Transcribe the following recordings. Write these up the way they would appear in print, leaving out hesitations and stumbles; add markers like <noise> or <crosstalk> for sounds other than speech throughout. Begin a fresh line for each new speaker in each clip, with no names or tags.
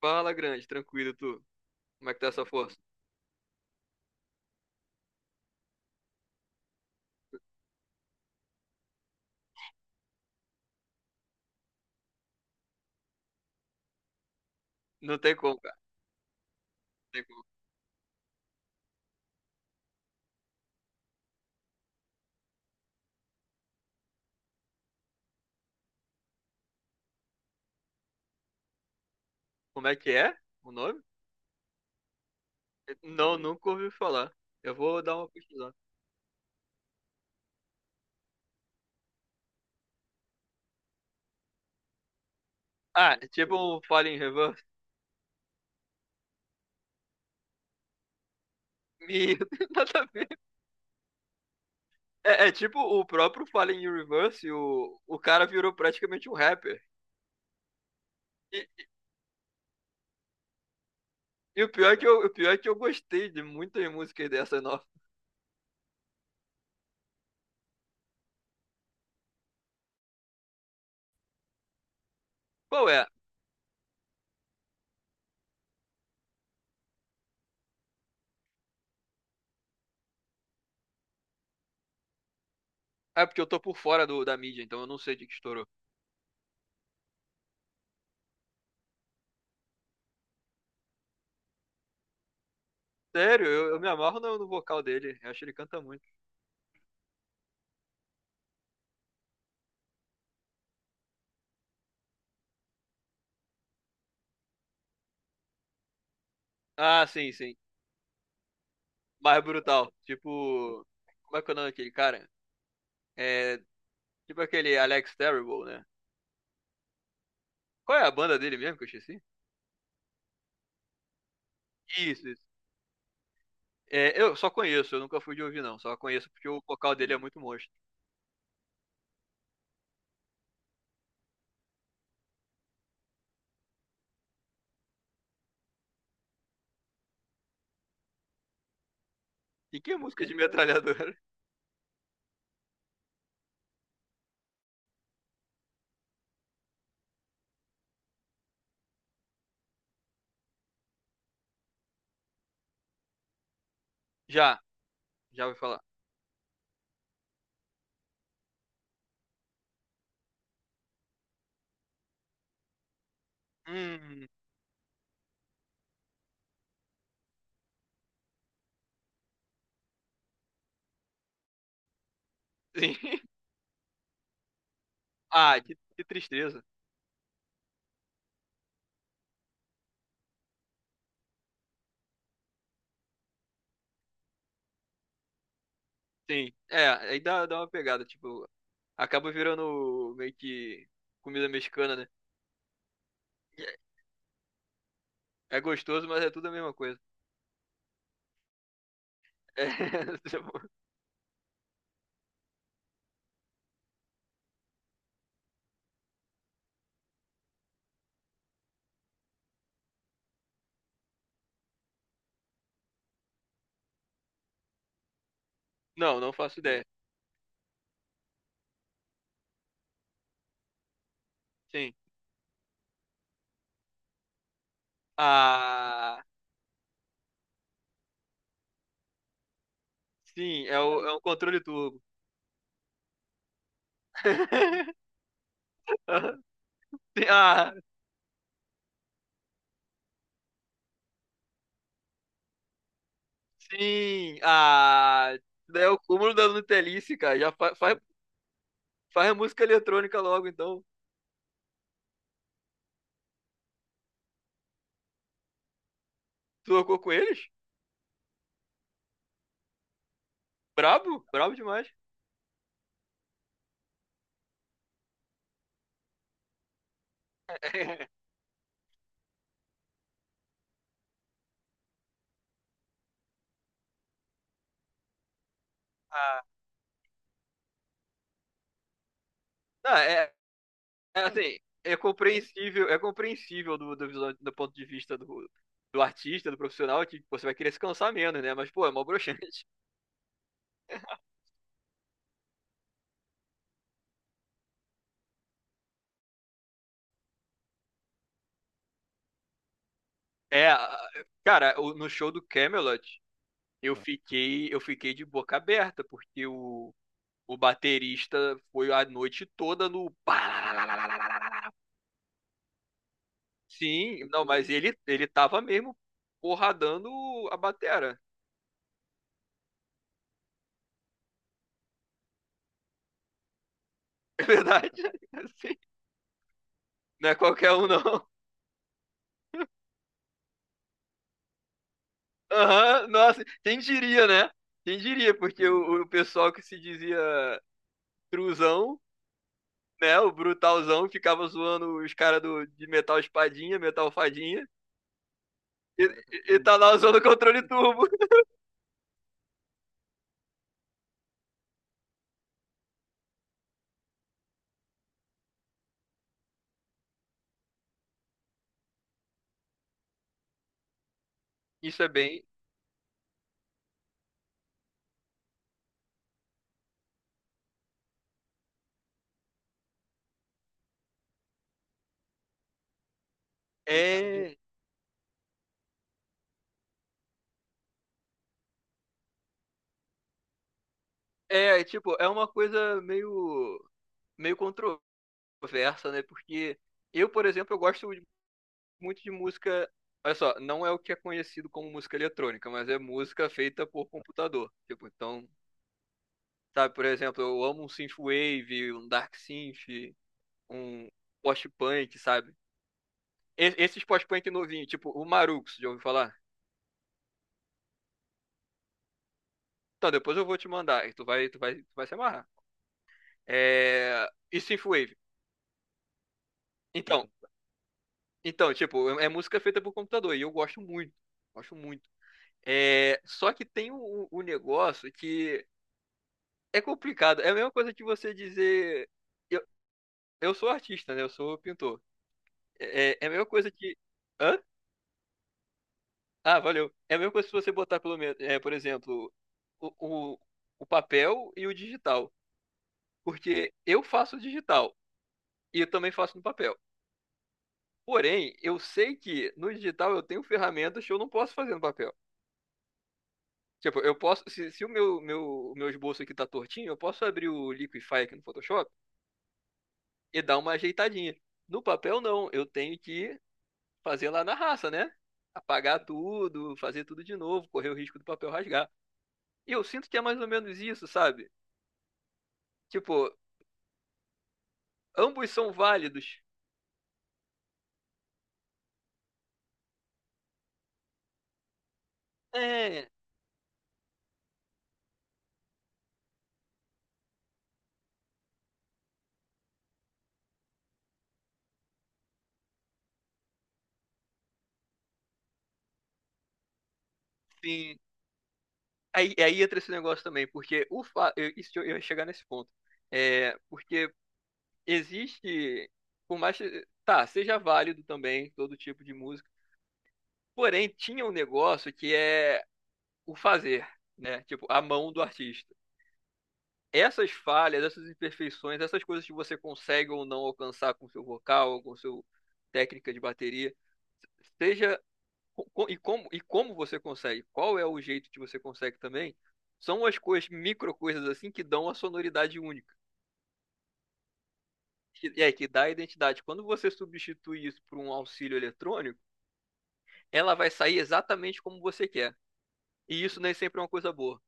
Fala, grande, tranquilo, tu. Como é que tá essa força? Não tem como, cara. Não tem como. Como é que é o nome? Não, nunca ouvi falar. Eu vou dar uma pesquisada. Ah, é tipo um Fallen Reverse. Me... <laughs> Nada a ver. É, é tipo o próprio Fallen Reverse, o cara virou praticamente um rapper. E, e o pior é que o pior é que eu gostei de muitas músicas dessa nova. Qual é? É porque eu tô por fora da mídia, então eu não sei de que estourou. Sério, eu me amarro no vocal dele. Eu acho que ele canta muito. Ah, sim, sim. Mais brutal. Tipo, como é que é o nome daquele cara? É, tipo aquele Alex Terrible, né? Qual é a banda dele mesmo que eu esqueci? Isso, isso. É, eu só conheço, eu nunca fui de ouvir, não. Só conheço porque o vocal dele é muito monstro. E que música de metralhadora? <laughs> Já, já vou falar. Hum, sim. <laughs> Ah, que tristeza. Sim. É, dá uma pegada, tipo, acaba virando meio que comida mexicana, né? É gostoso, mas é tudo a mesma coisa. É, <laughs> tipo, não, não faço ideia. Sim. Ah, sim, é, é o controle turbo. <laughs> Ah, sim, ah, isso daí é o cúmulo da Nutelice, cara. Já faz, faz a música eletrônica logo, então. Tu tocou com eles? Brabo, brabo demais. <laughs> Ah, não, é, é assim, é compreensível, do ponto de vista do artista, do profissional, que você vai querer se cansar menos, né? Mas, pô, é mó broxante. <laughs> É, ah, cara, no show do Camelot. Eu fiquei de boca aberta, porque o baterista foi a noite toda no. Sim, não, mas ele tava mesmo porradando a batera. É verdade? <laughs> Assim, não é qualquer um, não. Aham, nossa, quem diria, né? Quem diria, porque o pessoal que se dizia truzão, né? O brutalzão, ficava zoando os caras de metal espadinha, metal fadinha, e, e tá lá usando o controle turbo. Isso é bem, é, é, é, tipo, é uma coisa meio, meio controversa, né? Porque eu, por exemplo, muito de música. Olha só, não é o que é conhecido como música eletrônica, mas é música feita por computador. Tipo, então, sabe, por exemplo, eu amo um synthwave, um dark synth, um post-punk, sabe? Esses post-punk novinhos, tipo o Marux, já ouviu falar? Então, depois eu vou te mandar e tu vai se amarrar. É... E synthwave. Então, Então, tipo, é é música feita por computador e eu gosto muito. Gosto muito. É, só que tem o negócio que é complicado. É a mesma coisa que você dizer. Eu, eu sou artista, né? Eu sou pintor. É a mesma coisa que. Hã? Ah, valeu. É a mesma coisa se você botar, pelo menos, é, por exemplo, o, o, o papel e o digital. Porque eu faço digital e eu também faço no papel. Porém, eu sei que no digital eu tenho ferramentas que eu não posso fazer no papel. Tipo, eu posso. Se o o meu esboço aqui tá tortinho, eu posso abrir o Liquify aqui no Photoshop e dar uma ajeitadinha. No papel, não. Eu tenho que fazer lá na raça, né? Apagar tudo, fazer tudo de novo, correr o risco do papel rasgar. E eu sinto que é mais ou menos isso, sabe? Tipo, ambos são válidos. É, sim. Aí entra esse negócio também, porque o fa... eu ia chegar nesse ponto. É, porque existe. Por mais. Tá, seja válido também todo tipo de música. Porém, tinha um negócio que é o fazer, né? Tipo, a mão do artista. Essas falhas, essas imperfeições, essas coisas que você consegue ou não alcançar com seu vocal, com seu técnica de bateria, seja e como você consegue, qual é o jeito que você consegue também, são as coisas, micro coisas assim que dão a sonoridade única. É, que dá a identidade. Quando você substitui isso por um auxílio eletrônico, ela vai sair exatamente como você quer. E isso nem sempre é uma coisa boa.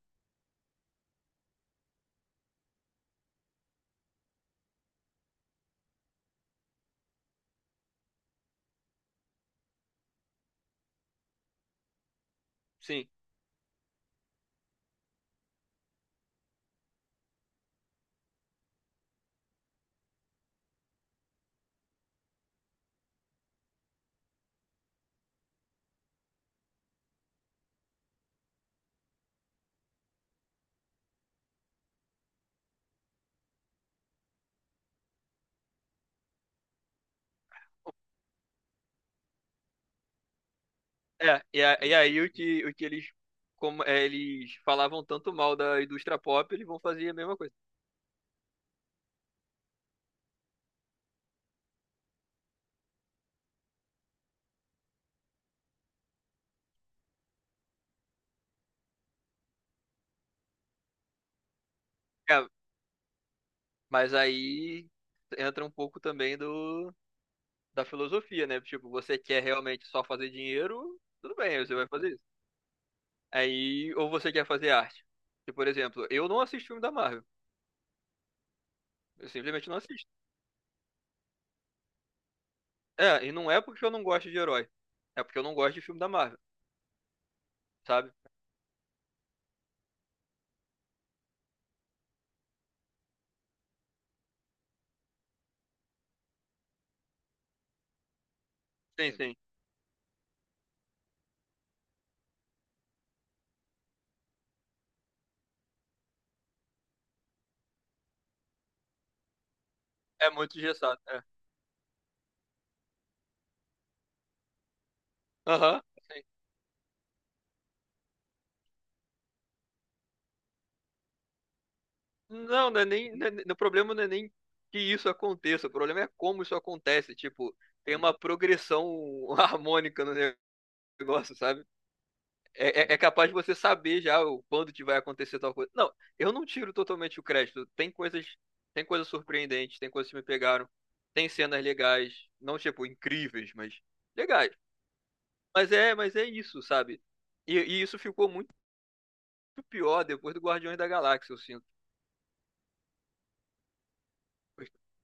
Sim. É, e aí o que eles, como, é, eles falavam tanto mal da indústria pop, eles vão fazer a mesma coisa. É, mas aí entra um pouco também da filosofia, né? Tipo, você quer realmente só fazer dinheiro, tudo bem, aí você vai fazer isso. Aí, ou você quer fazer arte. Tipo, por exemplo, eu não assisto filme da Marvel. Eu simplesmente não assisto. É, e não é porque eu não gosto de herói. É porque eu não gosto de filme da Marvel, sabe? Sim, sim. É muito engessado. É. Aham. Não é- o problema não é nem que isso aconteça, o problema é como isso acontece. Tipo, tem uma progressão <laughs> harmônica no negócio, sabe? É capaz de você saber já o quando que vai acontecer tal coisa. Não, eu não tiro totalmente o crédito. Tem coisas surpreendentes, tem coisas que me pegaram, tem cenas legais, não tipo incríveis, mas legais. Mas é isso, sabe? E isso ficou muito pior depois do Guardiões da Galáxia, eu sinto.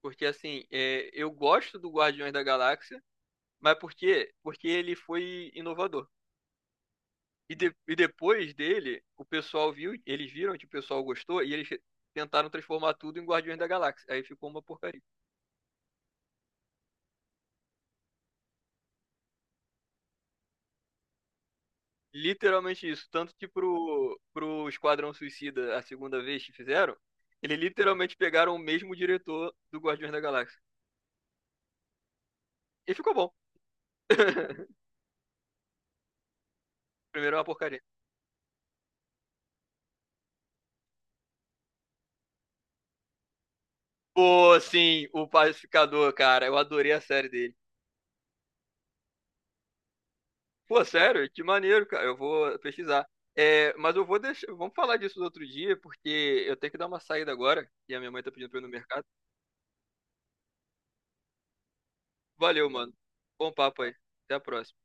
Porque assim, é, eu gosto do Guardiões da Galáxia, mas por quê? Porque ele foi inovador. E depois dele, o pessoal viu, eles viram que o pessoal gostou e eles tentaram transformar tudo em Guardiões da Galáxia. Aí ficou uma porcaria. Literalmente isso. Tanto que pro Esquadrão Suicida, a segunda vez que fizeram, eles literalmente pegaram o mesmo diretor do Guardiões da Galáxia. E ficou bom. <laughs> Primeiro é uma porcaria. Pô, sim, o Pacificador, cara. Eu adorei a série dele. Pô, sério? Que maneiro, cara. Eu vou pesquisar. É, mas eu vou deixar. Vamos falar disso no outro dia, porque eu tenho que dar uma saída agora. E a minha mãe tá pedindo pra eu ir no mercado. Valeu, mano. Bom papo aí. Até a próxima.